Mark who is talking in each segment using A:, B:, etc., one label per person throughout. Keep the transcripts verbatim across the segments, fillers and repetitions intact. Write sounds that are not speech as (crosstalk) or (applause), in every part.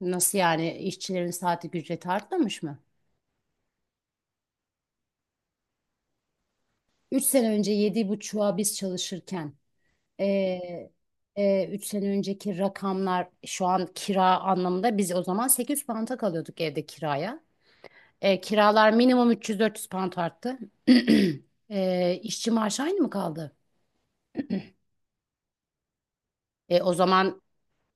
A: Nasıl yani işçilerin saatlik ücreti artmamış mı? Üç sene önce yedi buçuğa biz çalışırken eee eee sene önceki rakamlar şu an kira anlamında biz o zaman sekiz yüz pound'a kalıyorduk evde kiraya. Eee, kiralar minimum 300 yüz dört yüz pound arttı. (clears throat) Eee işçi maaşı aynı mı kaldı? E, o zaman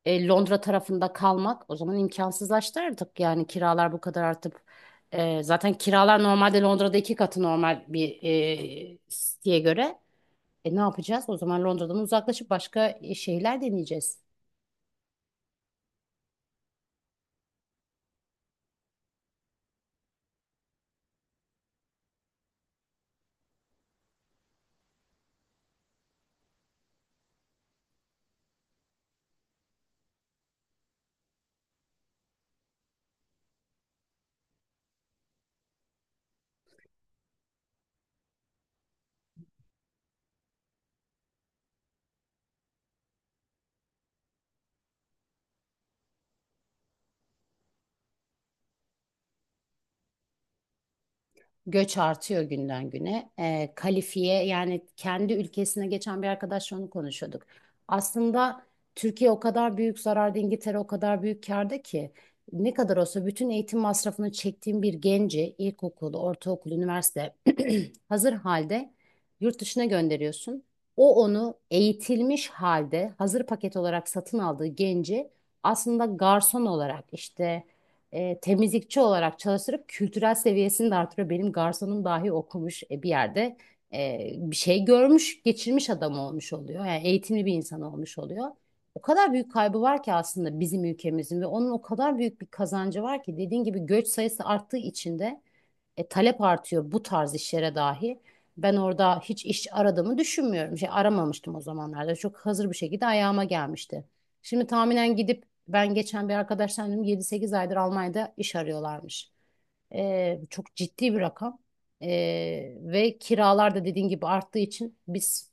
A: e, Londra tarafında kalmak o zaman imkansızlaştı artık. Yani kiralar bu kadar artıp e, zaten kiralar normalde Londra'da iki katı normal bir e, siteye göre. E ne yapacağız? O zaman Londra'dan uzaklaşıp başka e, şehirler deneyeceğiz. Göç artıyor günden güne. E, kalifiye yani kendi ülkesine geçen bir arkadaşla onu konuşuyorduk. Aslında Türkiye o kadar büyük zararda, İngiltere o kadar büyük kârda ki ne kadar olsa bütün eğitim masrafını çektiğim bir genci, ilkokulu, ortaokul, üniversite hazır halde yurt dışına gönderiyorsun. O onu eğitilmiş halde hazır paket olarak satın aldığı genci aslında garson olarak işte e, temizlikçi olarak çalıştırıp kültürel seviyesini de artırıyor. Benim garsonum dahi okumuş e, bir yerde e, bir şey görmüş, geçirmiş adam olmuş oluyor. Yani eğitimli bir insan olmuş oluyor. O kadar büyük kaybı var ki aslında bizim ülkemizin ve onun o kadar büyük bir kazancı var ki dediğin gibi göç sayısı arttığı için de e, talep artıyor bu tarz işlere dahi. Ben orada hiç iş aradığımı düşünmüyorum. Şey aramamıştım o zamanlarda. Çok hazır bir şekilde ayağıma gelmişti. Şimdi tahminen gidip ben geçen bir arkadaştan dedim yedi sekiz aydır Almanya'da iş arıyorlarmış. E, çok ciddi bir rakam. E, Ve kiralar da dediğin gibi arttığı için biz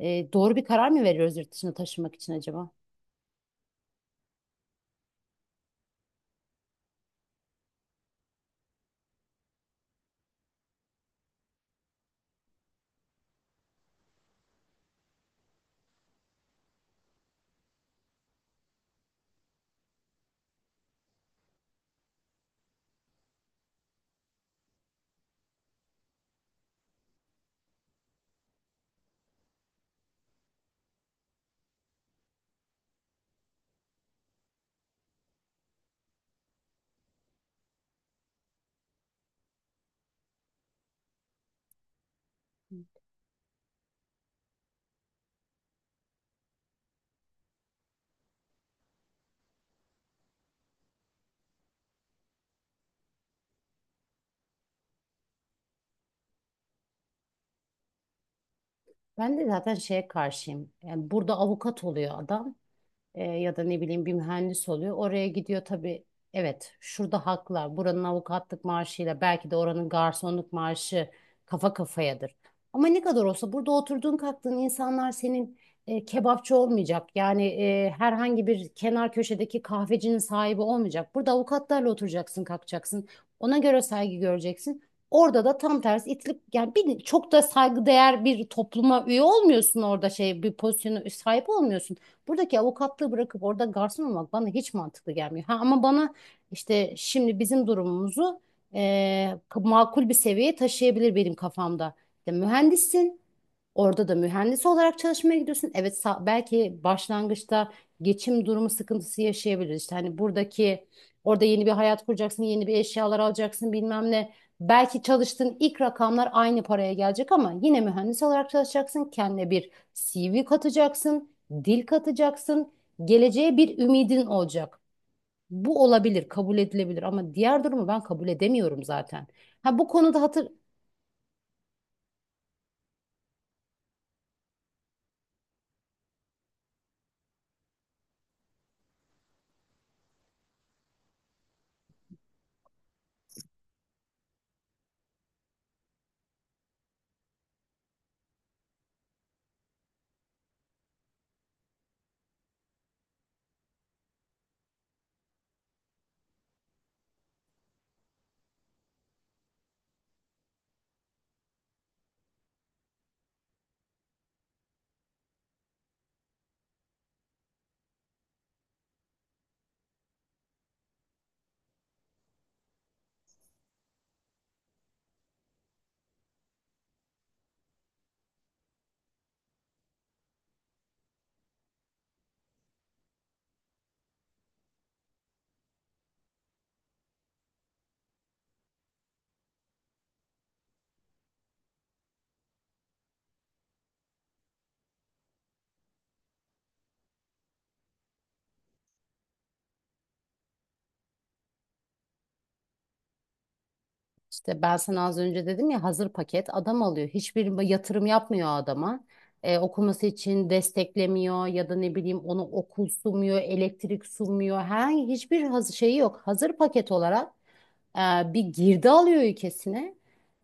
A: e, doğru bir karar mı veriyoruz yurt dışına taşınmak için acaba? Ben de zaten şeye karşıyım. Yani burada avukat oluyor adam. E, ya da ne bileyim bir mühendis oluyor. Oraya gidiyor tabii. Evet, şurada haklar. Buranın avukatlık maaşıyla belki de oranın garsonluk maaşı kafa kafayadır. Ama ne kadar olsa burada oturduğun kalktığın insanlar senin e, kebapçı olmayacak. Yani e, herhangi bir kenar köşedeki kahvecinin sahibi olmayacak. Burada avukatlarla oturacaksın, kalkacaksın. Ona göre saygı göreceksin. Orada da tam tersi itilip yani bir, çok da saygıdeğer bir topluma üye olmuyorsun orada şey bir pozisyona sahip olmuyorsun. Buradaki avukatlığı bırakıp orada garson olmak bana hiç mantıklı gelmiyor. Ha, ama bana işte şimdi bizim durumumuzu eee, makul bir seviyeye taşıyabilir benim kafamda. İşte mühendissin. Orada da mühendis olarak çalışmaya gidiyorsun. Evet sa- belki başlangıçta geçim durumu sıkıntısı yaşayabiliriz. İşte hani buradaki orada yeni bir hayat kuracaksın, yeni bir eşyalar alacaksın bilmem ne. Belki çalıştığın ilk rakamlar aynı paraya gelecek ama yine mühendis olarak çalışacaksın. Kendine bir C V katacaksın, dil katacaksın. Geleceğe bir ümidin olacak. Bu olabilir, kabul edilebilir ama diğer durumu ben kabul edemiyorum zaten. Ha, bu konuda hatır İşte ben sana az önce dedim ya hazır paket adam alıyor. Hiçbir yatırım yapmıyor adama. Ee, okuması için desteklemiyor ya da ne bileyim onu okul sunmuyor, elektrik sunmuyor. Her hiçbir hazır şeyi yok. Hazır paket olarak e, bir girdi alıyor ülkesine.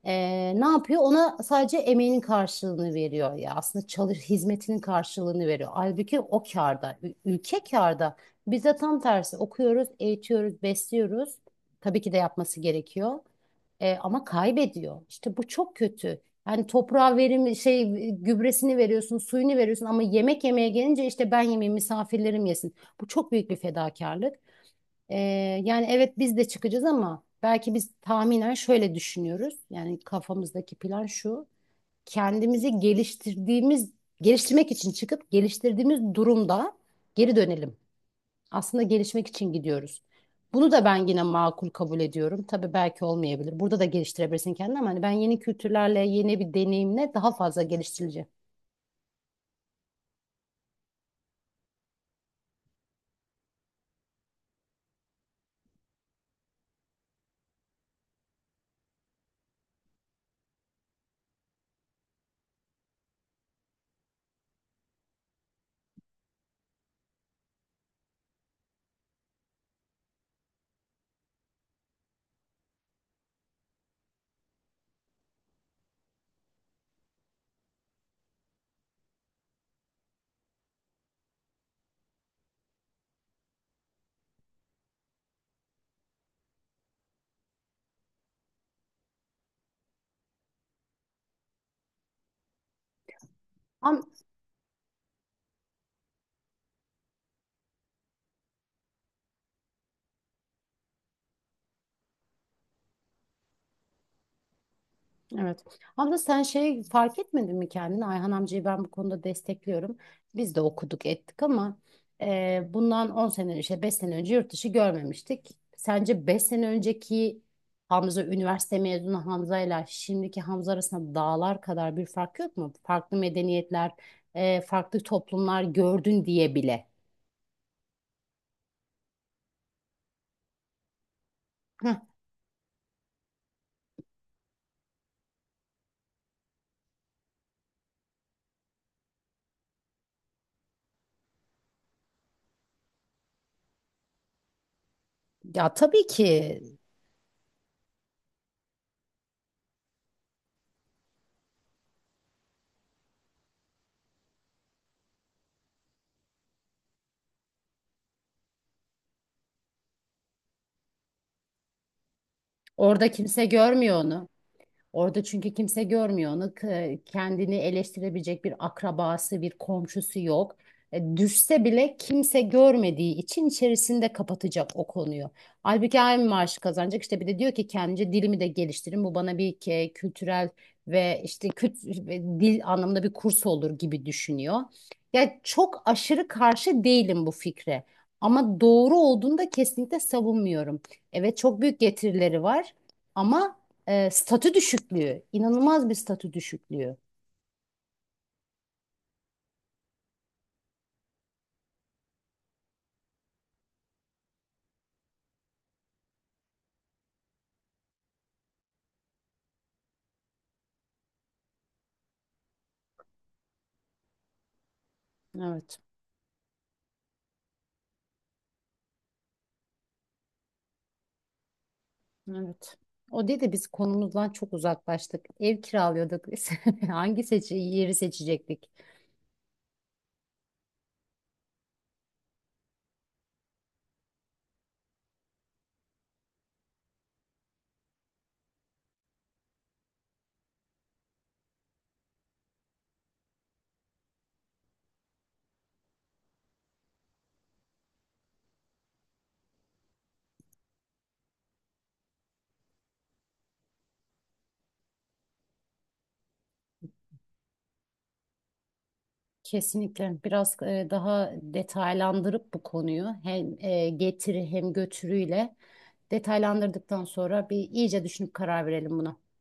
A: E, Ne yapıyor? Ona sadece emeğinin karşılığını veriyor ya. Aslında çalış hizmetinin karşılığını veriyor. Halbuki o kârda, ü- ülke kârda. Biz de tam tersi okuyoruz, eğitiyoruz, besliyoruz. Tabii ki de yapması gerekiyor. E, ama kaybediyor. İşte bu çok kötü. Yani toprağa verim şey gübresini veriyorsun, suyunu veriyorsun ama yemek yemeye gelince işte ben yemeyeyim misafirlerim yesin. Bu çok büyük bir fedakarlık. Ee, Yani evet biz de çıkacağız ama belki biz tahminen şöyle düşünüyoruz. Yani kafamızdaki plan şu. Kendimizi geliştirdiğimiz, geliştirmek için çıkıp geliştirdiğimiz durumda geri dönelim. Aslında gelişmek için gidiyoruz. Bunu da ben yine makul kabul ediyorum. Tabii belki olmayabilir. Burada da geliştirebilirsin kendini ama hani ben yeni kültürlerle, yeni bir deneyimle daha fazla geliştirileceğim. Ama Evet. Abla sen şey fark etmedin mi kendini? Ayhan amcayı ben bu konuda destekliyorum. Biz de okuduk ettik ama e, bundan on sene işte beş sene önce yurt dışı görmemiştik. Sence beş sene önceki Hamza üniversite mezunu Hamza ile şimdiki Hamza arasında dağlar kadar bir fark yok mu? Farklı medeniyetler, e, farklı toplumlar gördün diye bile. Heh. Ya tabii ki orada kimse görmüyor onu. Orada çünkü kimse görmüyor onu. K- Kendini eleştirebilecek bir akrabası, bir komşusu yok. E, Düşse bile kimse görmediği için içerisinde kapatacak o konuyu. Halbuki aynı maaşı kazanacak. İşte bir de diyor ki kendince dilimi de geliştirin. Bu bana bir ke- kültürel ve işte küt- ve dil anlamında bir kurs olur gibi düşünüyor. Ya çok aşırı karşı değilim bu fikre. Ama doğru olduğunda kesinlikle savunmuyorum. Evet çok büyük getirileri var ama e, statü düşüklüğü, inanılmaz bir statü düşüklüğü. Evet. Evet. O dedi biz konumuzdan çok uzaklaştık. Ev kiralıyorduk biz. (laughs) Hangi seçi yeri seçecektik? Kesinlikle biraz e, daha detaylandırıp bu konuyu hem e, getiri hem götürüyle detaylandırdıktan sonra bir iyice düşünüp karar verelim buna.